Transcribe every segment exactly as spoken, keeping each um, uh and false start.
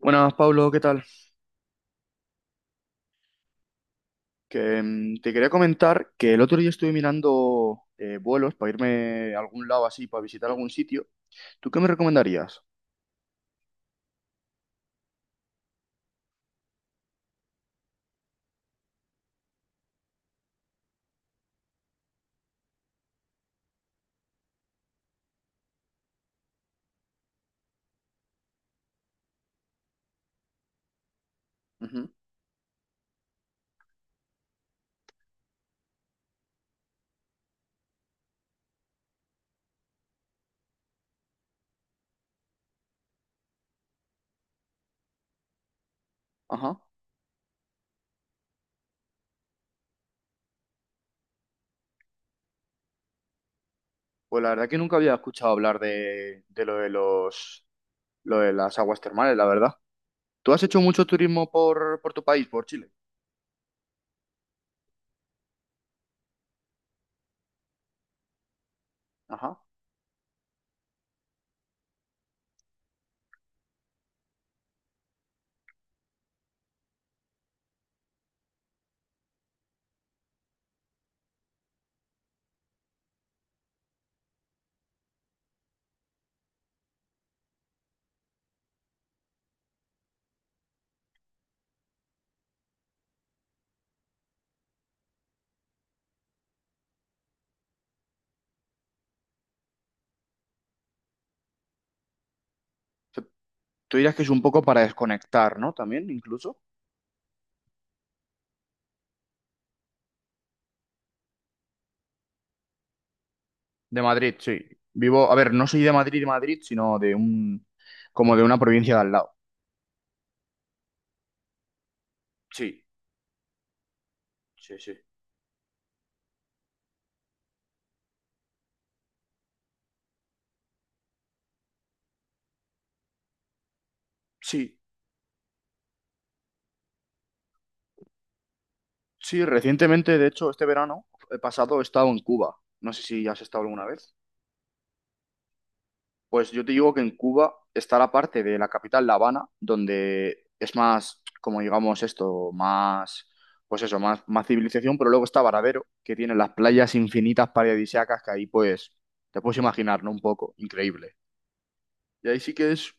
Buenas, Pablo, ¿qué tal? Que mm, te quería comentar que el otro día estuve mirando eh, vuelos para irme a algún lado así, para visitar algún sitio. ¿Tú qué me recomendarías? Ujú. Ajá. Pues la verdad que nunca había escuchado hablar de, de lo de los, lo de las aguas termales, la verdad. ¿Tú has hecho mucho turismo por, por tu país, por Chile? Ajá. O sea, tú dirás que es un poco para desconectar, ¿no? También, incluso. De Madrid, sí. Vivo, a ver, no soy de Madrid, Madrid, sino de un, como de una provincia de al lado. Sí, sí, sí. Sí, sí, recientemente, de hecho, este verano eh, pasado he estado en Cuba. No sé si has estado alguna vez. Pues yo te digo que en Cuba está la parte de la capital, La Habana, donde es más, como digamos esto, más, pues eso, más, más civilización, pero luego está Varadero, que tiene las playas infinitas paradisíacas que ahí pues te puedes imaginar, ¿no? Un poco, increíble. Y ahí sí que es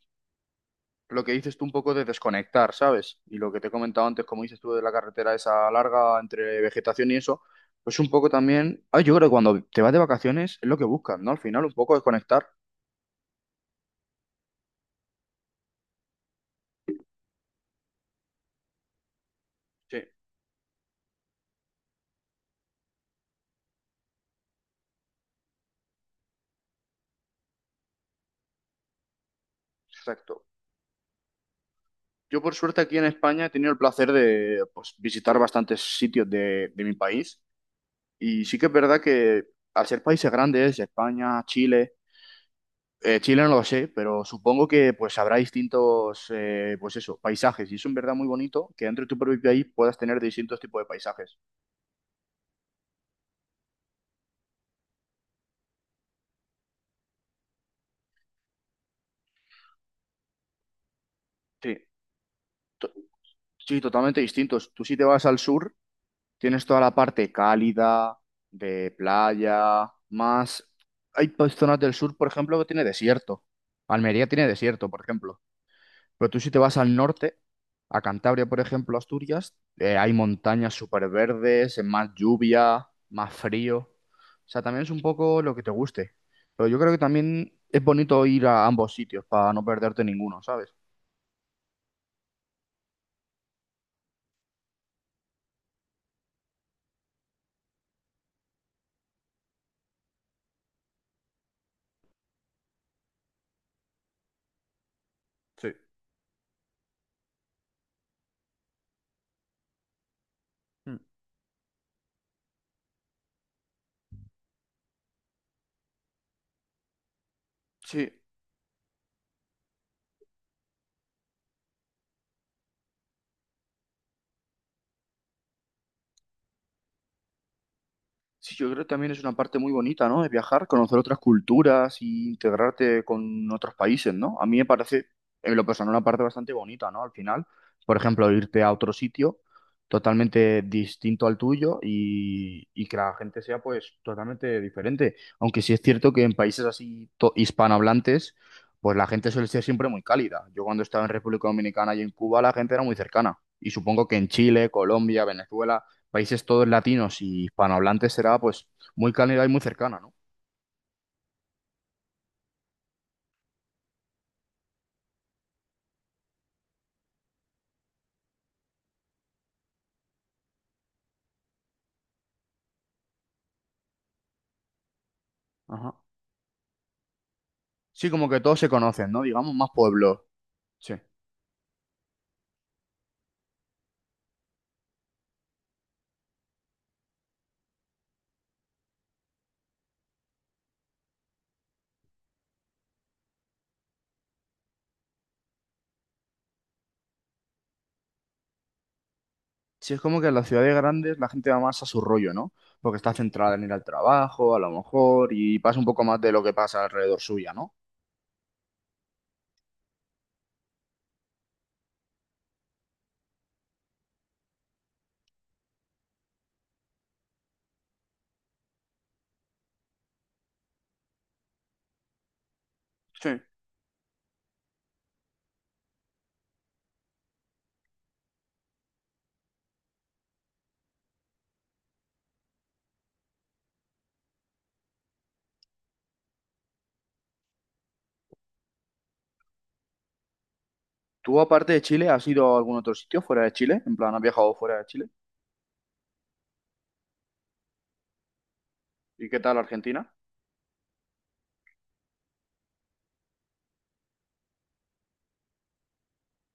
lo que dices tú un poco de desconectar, ¿sabes? Y lo que te he comentado antes, como dices tú, de la carretera esa larga entre vegetación y eso, pues un poco también, ah, yo creo que cuando te vas de vacaciones es lo que buscas, ¿no? Al final, un poco desconectar. Sí, exacto. Yo por suerte aquí en España he tenido el placer de pues, visitar bastantes sitios de, de mi país y sí que es verdad que al ser países grandes, España, Chile. Eh, Chile no lo sé, pero supongo que pues habrá distintos, eh, pues eso, paisajes. Y es en verdad muy bonito que dentro de tu propio país puedas tener distintos tipos de paisajes. Sí, to- sí, totalmente distintos. Tú si te vas al sur, tienes toda la parte cálida, de playa, más... Hay pues, zonas del sur, por ejemplo, que tiene desierto. Almería tiene desierto, por ejemplo. Pero tú si te vas al norte, a Cantabria, por ejemplo, Asturias, eh, hay montañas súper verdes, más lluvia, más frío. O sea, también es un poco lo que te guste. Pero yo creo que también es bonito ir a ambos sitios para no perderte ninguno, ¿sabes? Sí. Mm. Sí. Sí, yo creo que también es una parte muy bonita, ¿no? De viajar, conocer otras culturas y integrarte con otros países, ¿no? A mí me parece, en lo personal, una parte bastante bonita, ¿no? Al final, por ejemplo, irte a otro sitio totalmente distinto al tuyo y, y que la gente sea, pues, totalmente diferente. Aunque sí es cierto que en países así to- hispanohablantes, pues la gente suele ser siempre muy cálida. Yo cuando estaba en República Dominicana y en Cuba, la gente era muy cercana. Y supongo que en Chile, Colombia, Venezuela, países todos latinos y hispanohablantes, será pues muy cálida y muy cercana, ¿no? Ajá. Sí, como que todos se conocen, ¿no? Digamos, más pueblos. Sí. Sí, es como que en las ciudades grandes la gente va más a su rollo, ¿no? Porque está centrada en ir al trabajo, a lo mejor, y pasa un poco más de lo que pasa alrededor suya, ¿no? Sí. ¿Tú, aparte de Chile, has ido a algún otro sitio fuera de Chile? En plan, ¿has viajado fuera de Chile? ¿Y qué tal Argentina?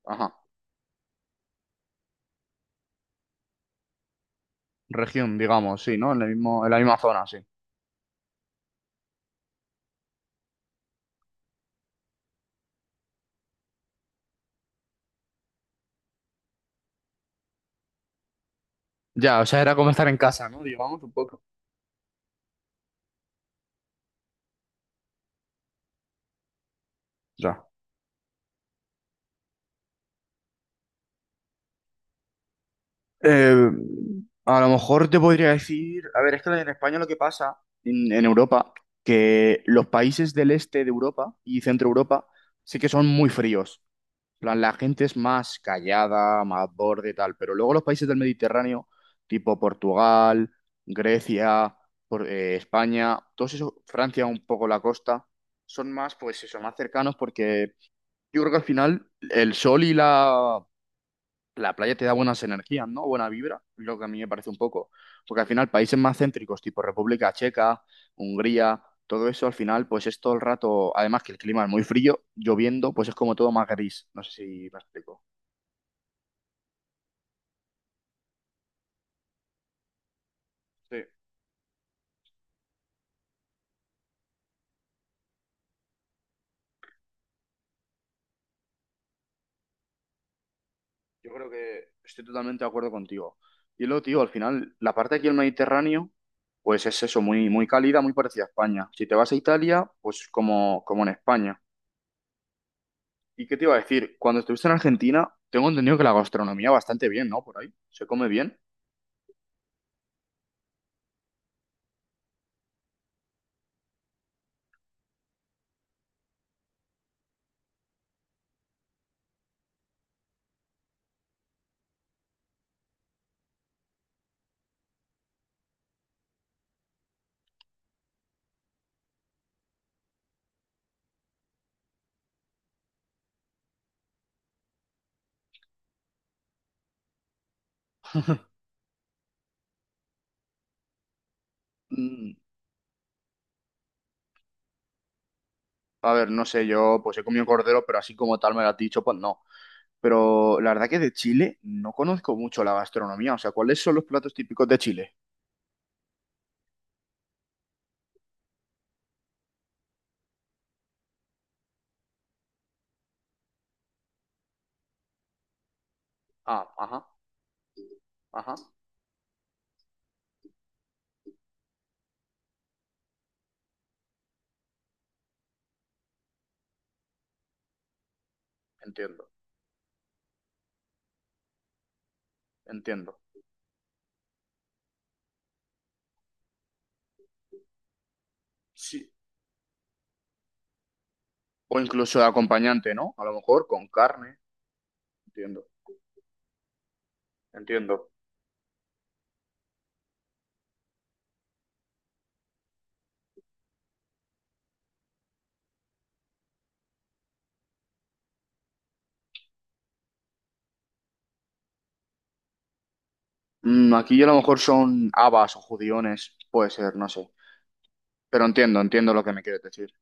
Ajá. Región, digamos, sí, ¿no? En el mismo, en la misma zona, sí. Ya, o sea, era como estar en casa, ¿no? Digamos, un poco. Ya. Eh, a lo mejor te podría decir, a ver, es que en España lo que pasa, en, en Europa, que los países del este de Europa y centro Europa sí que son muy fríos. En plan, la gente es más callada, más borde, tal, pero luego los países del Mediterráneo, tipo Portugal, Grecia, por- eh, España, todos esos, Francia un poco la costa, son más, pues eso, más cercanos porque yo creo que al final el sol y la la playa te da buenas energías, ¿no? Buena vibra, lo que a mí me parece un poco. Porque al final países más céntricos, tipo República Checa, Hungría, todo eso al final pues es todo el rato, además que el clima es muy frío, lloviendo, pues es como todo más gris. No sé si me explico. Sí, yo creo que estoy totalmente de acuerdo contigo. Y luego, tío, al final la parte aquí del Mediterráneo, pues es eso, muy, muy cálida, muy parecida a España. Si te vas a Italia, pues como, como en España. ¿Y qué te iba a decir? Cuando estuviste en Argentina, tengo entendido que la gastronomía bastante bien, ¿no? Por ahí. ¿Se come bien? Mm, a ver, no sé, yo pues he comido cordero, pero así como tal me lo has dicho, pues no. Pero la verdad que de Chile no conozco mucho la gastronomía. O sea, ¿cuáles son los platos típicos de Chile? Ah, ajá, ajá. Entiendo, entiendo. Sí. O incluso de acompañante, ¿no? A lo mejor con carne. Entiendo, entiendo. Mm, aquí a lo mejor son habas o judiones. Puede ser, no sé. Pero entiendo, entiendo lo que me quieres decir.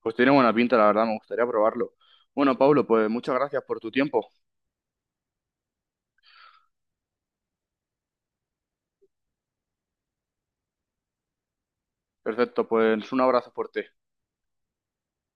Pues tiene buena pinta, la verdad, me gustaría probarlo. Bueno, Pablo, pues muchas gracias por tu tiempo. Perfecto, pues un abrazo fuerte.